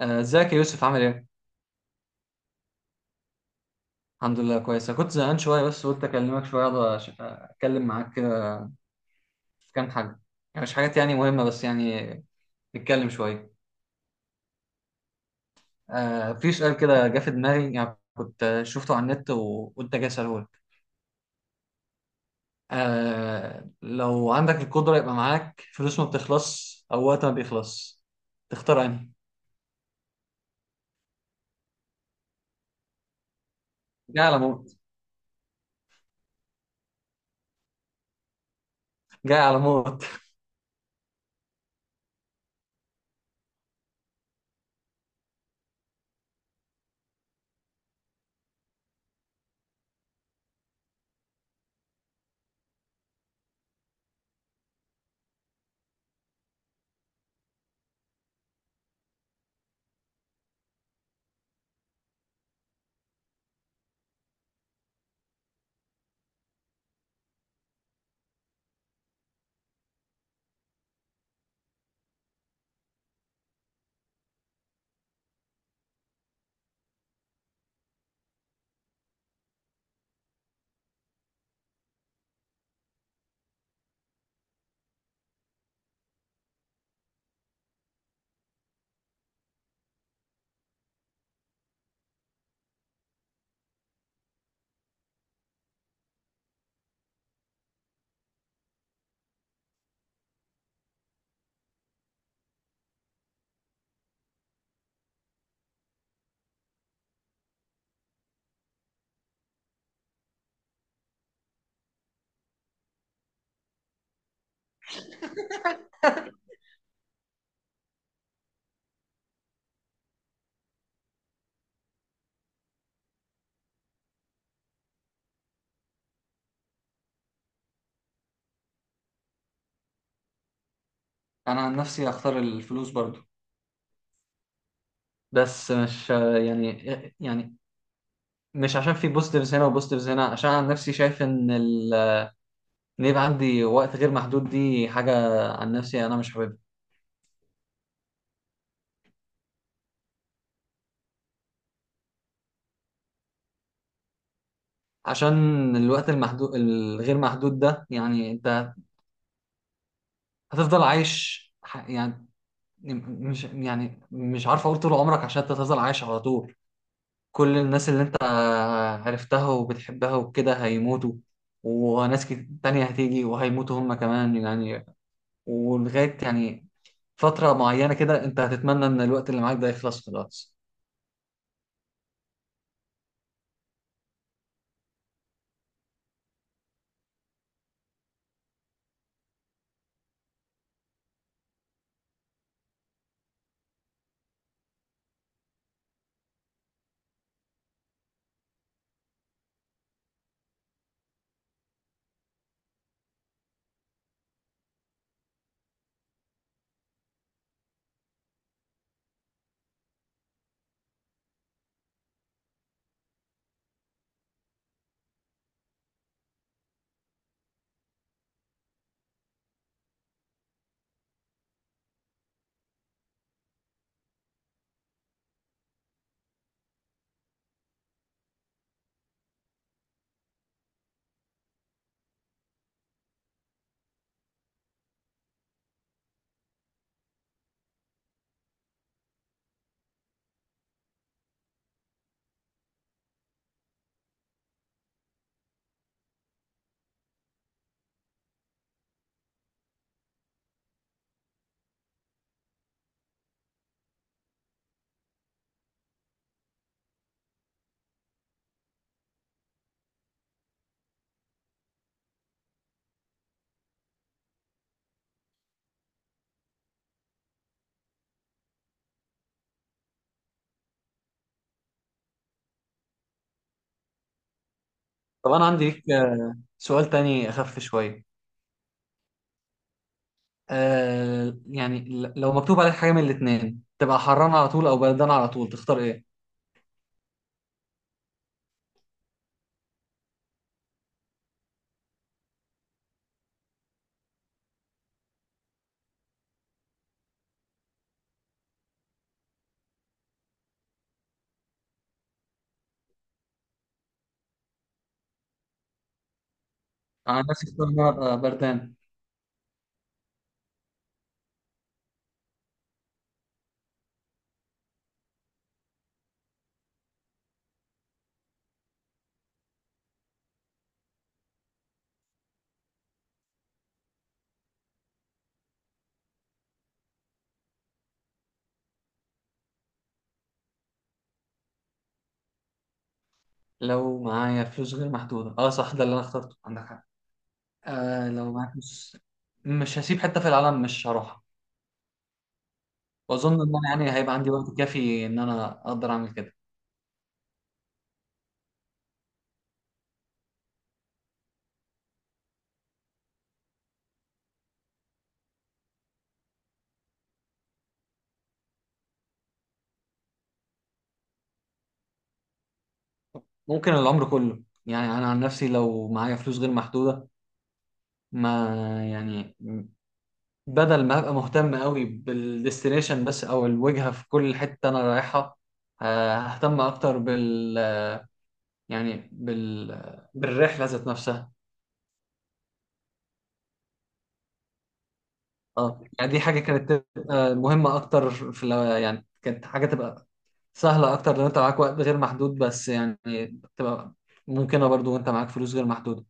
آه، ازيك يا يوسف، عامل ايه؟ الحمد لله كويس. أنا كنت زهقان شوية بس قلت أكلمك شوية أقعد أتكلم معاك كده في كام حاجة. يعني مش حاجات يعني مهمة، بس يعني نتكلم شوية. آه، في سؤال كده جه في دماغي، يعني كنت شفته على النت وقلت أجي أسأله لك. آه، لو عندك القدرة يبقى معاك فلوس ما بتخلص أو وقت ما بيخلص، تختار أنهي؟ جاي على موت. جاي على موت. أنا عن نفسي هختار الفلوس برضو، بس مش يعني مش عشان في بوزيتيفز هنا وبوزيتيفز هنا. عشان عن نفسي شايف ان ان يبقى عندي وقت غير محدود دي حاجه عن نفسي انا مش حاببها. عشان الوقت المحدود الغير محدود ده، يعني انت هتفضل عايش يعني مش، يعني مش عارف اقول طول عمرك، عشان انت هتفضل عايش على طول. كل الناس اللي انت عرفتها وبتحبها وكده هيموتوا، وناس تانية هتيجي وهيموتوا هم كمان، يعني ولغاية يعني فترة معينة كده أنت هتتمنى إن الوقت اللي معاك ده يخلص خلاص. طب أنا عندي ليك سؤال تاني أخف شوية. آه يعني لو مكتوب عليك حاجة من الاتنين، تبقى حران على طول أو بردان على طول، تختار إيه؟ أنا عن نفسي أختار إن أنا أبقى بردان. لو معايا فلوس غير محدودة، أه صح، ده اللي أنا اخترته، عندك حق. آه، لو معايا فلوس مش هسيب حتة في العالم مش هروحها. وأظن إن أنا يعني هيبقى عندي وقت كافي إن أنا أقدر أعمل كده. ممكن العمر كله. يعني انا عن نفسي لو معايا فلوس غير محدوده، ما يعني بدل ما ابقى مهتم قوي بالديستنيشن بس او الوجهه في كل حته انا رايحها، ههتم اكتر يعني بالرحله ذات نفسها. اه يعني دي حاجه كانت تبقى مهمه اكتر في يعني كانت حاجه تبقى سهله اكتر لو انت معاك وقت غير محدود، بس يعني تبقى ممكنه برضو وانت معاك فلوس غير محدوده.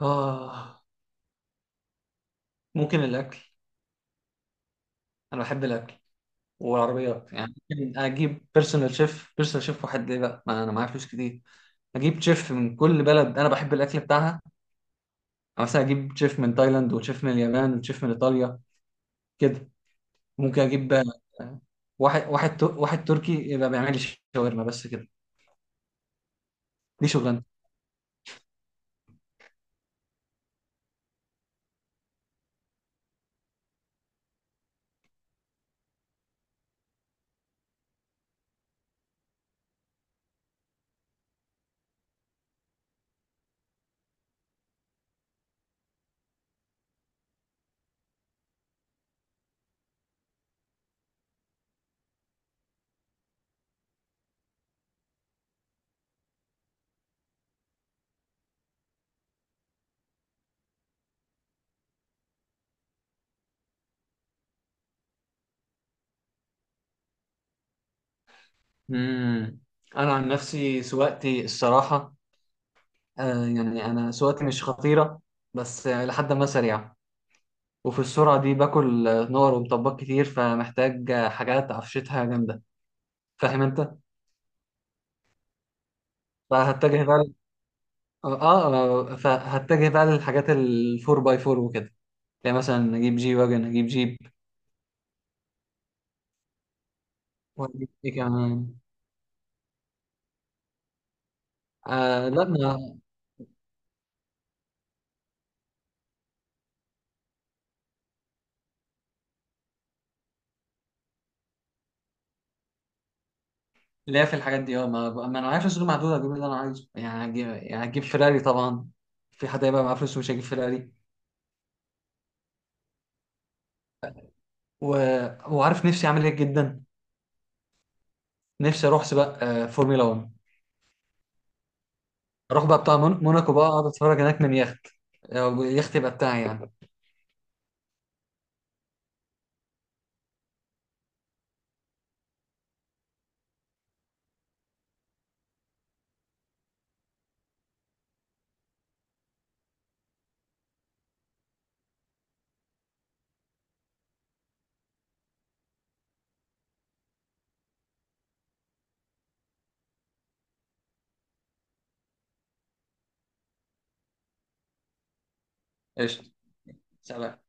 اه، ممكن الاكل. انا بحب الاكل والعربيات، يعني ممكن اجيب بيرسونال شيف واحد ليه بقى؟ ما انا معايا فلوس كتير. اجيب شيف من كل بلد انا بحب الاكل بتاعها، يعني مثلا اجيب شيف من تايلاند وشيف من اليابان وشيف من ايطاليا كده. ممكن اجيب واحد تركي يبقى بيعمل لي شاورما بس كده. دي شغلانتي. امم انا عن نفسي سواقتي الصراحه. آه يعني انا سواقتي مش خطيره، بس لحد ما سريعه. وفي السرعه دي باكل نار ومطبات كتير، فمحتاج حاجات عفشتها جامده. فاهم انت؟ فهتجه بقى ل- اه آه، فهتجه بقى للحاجات الفور باي فور وكده. تلاقي مثلا اجيب جي واجن، اجيب جيب. واجيب ايه كمان؟ آه لا، ما، لا، في الحاجات دي اه. ما انا معايا فلوس غير محدوده، اجيب اللي انا عايزه. يعني هجيب، يعني هجيب فيراري طبعا. في حد هيبقى معاه فلوس ومش هيجيب فيراري؟ و... وعارف نفسي اعمل ايه جدا. نفسي اروح سباق فورمولا 1. اروح بقى بتاع موناكو، بقى اقعد اتفرج هناك من يخت. يخت يبقى بتاعي يعني. قشطه. سلام.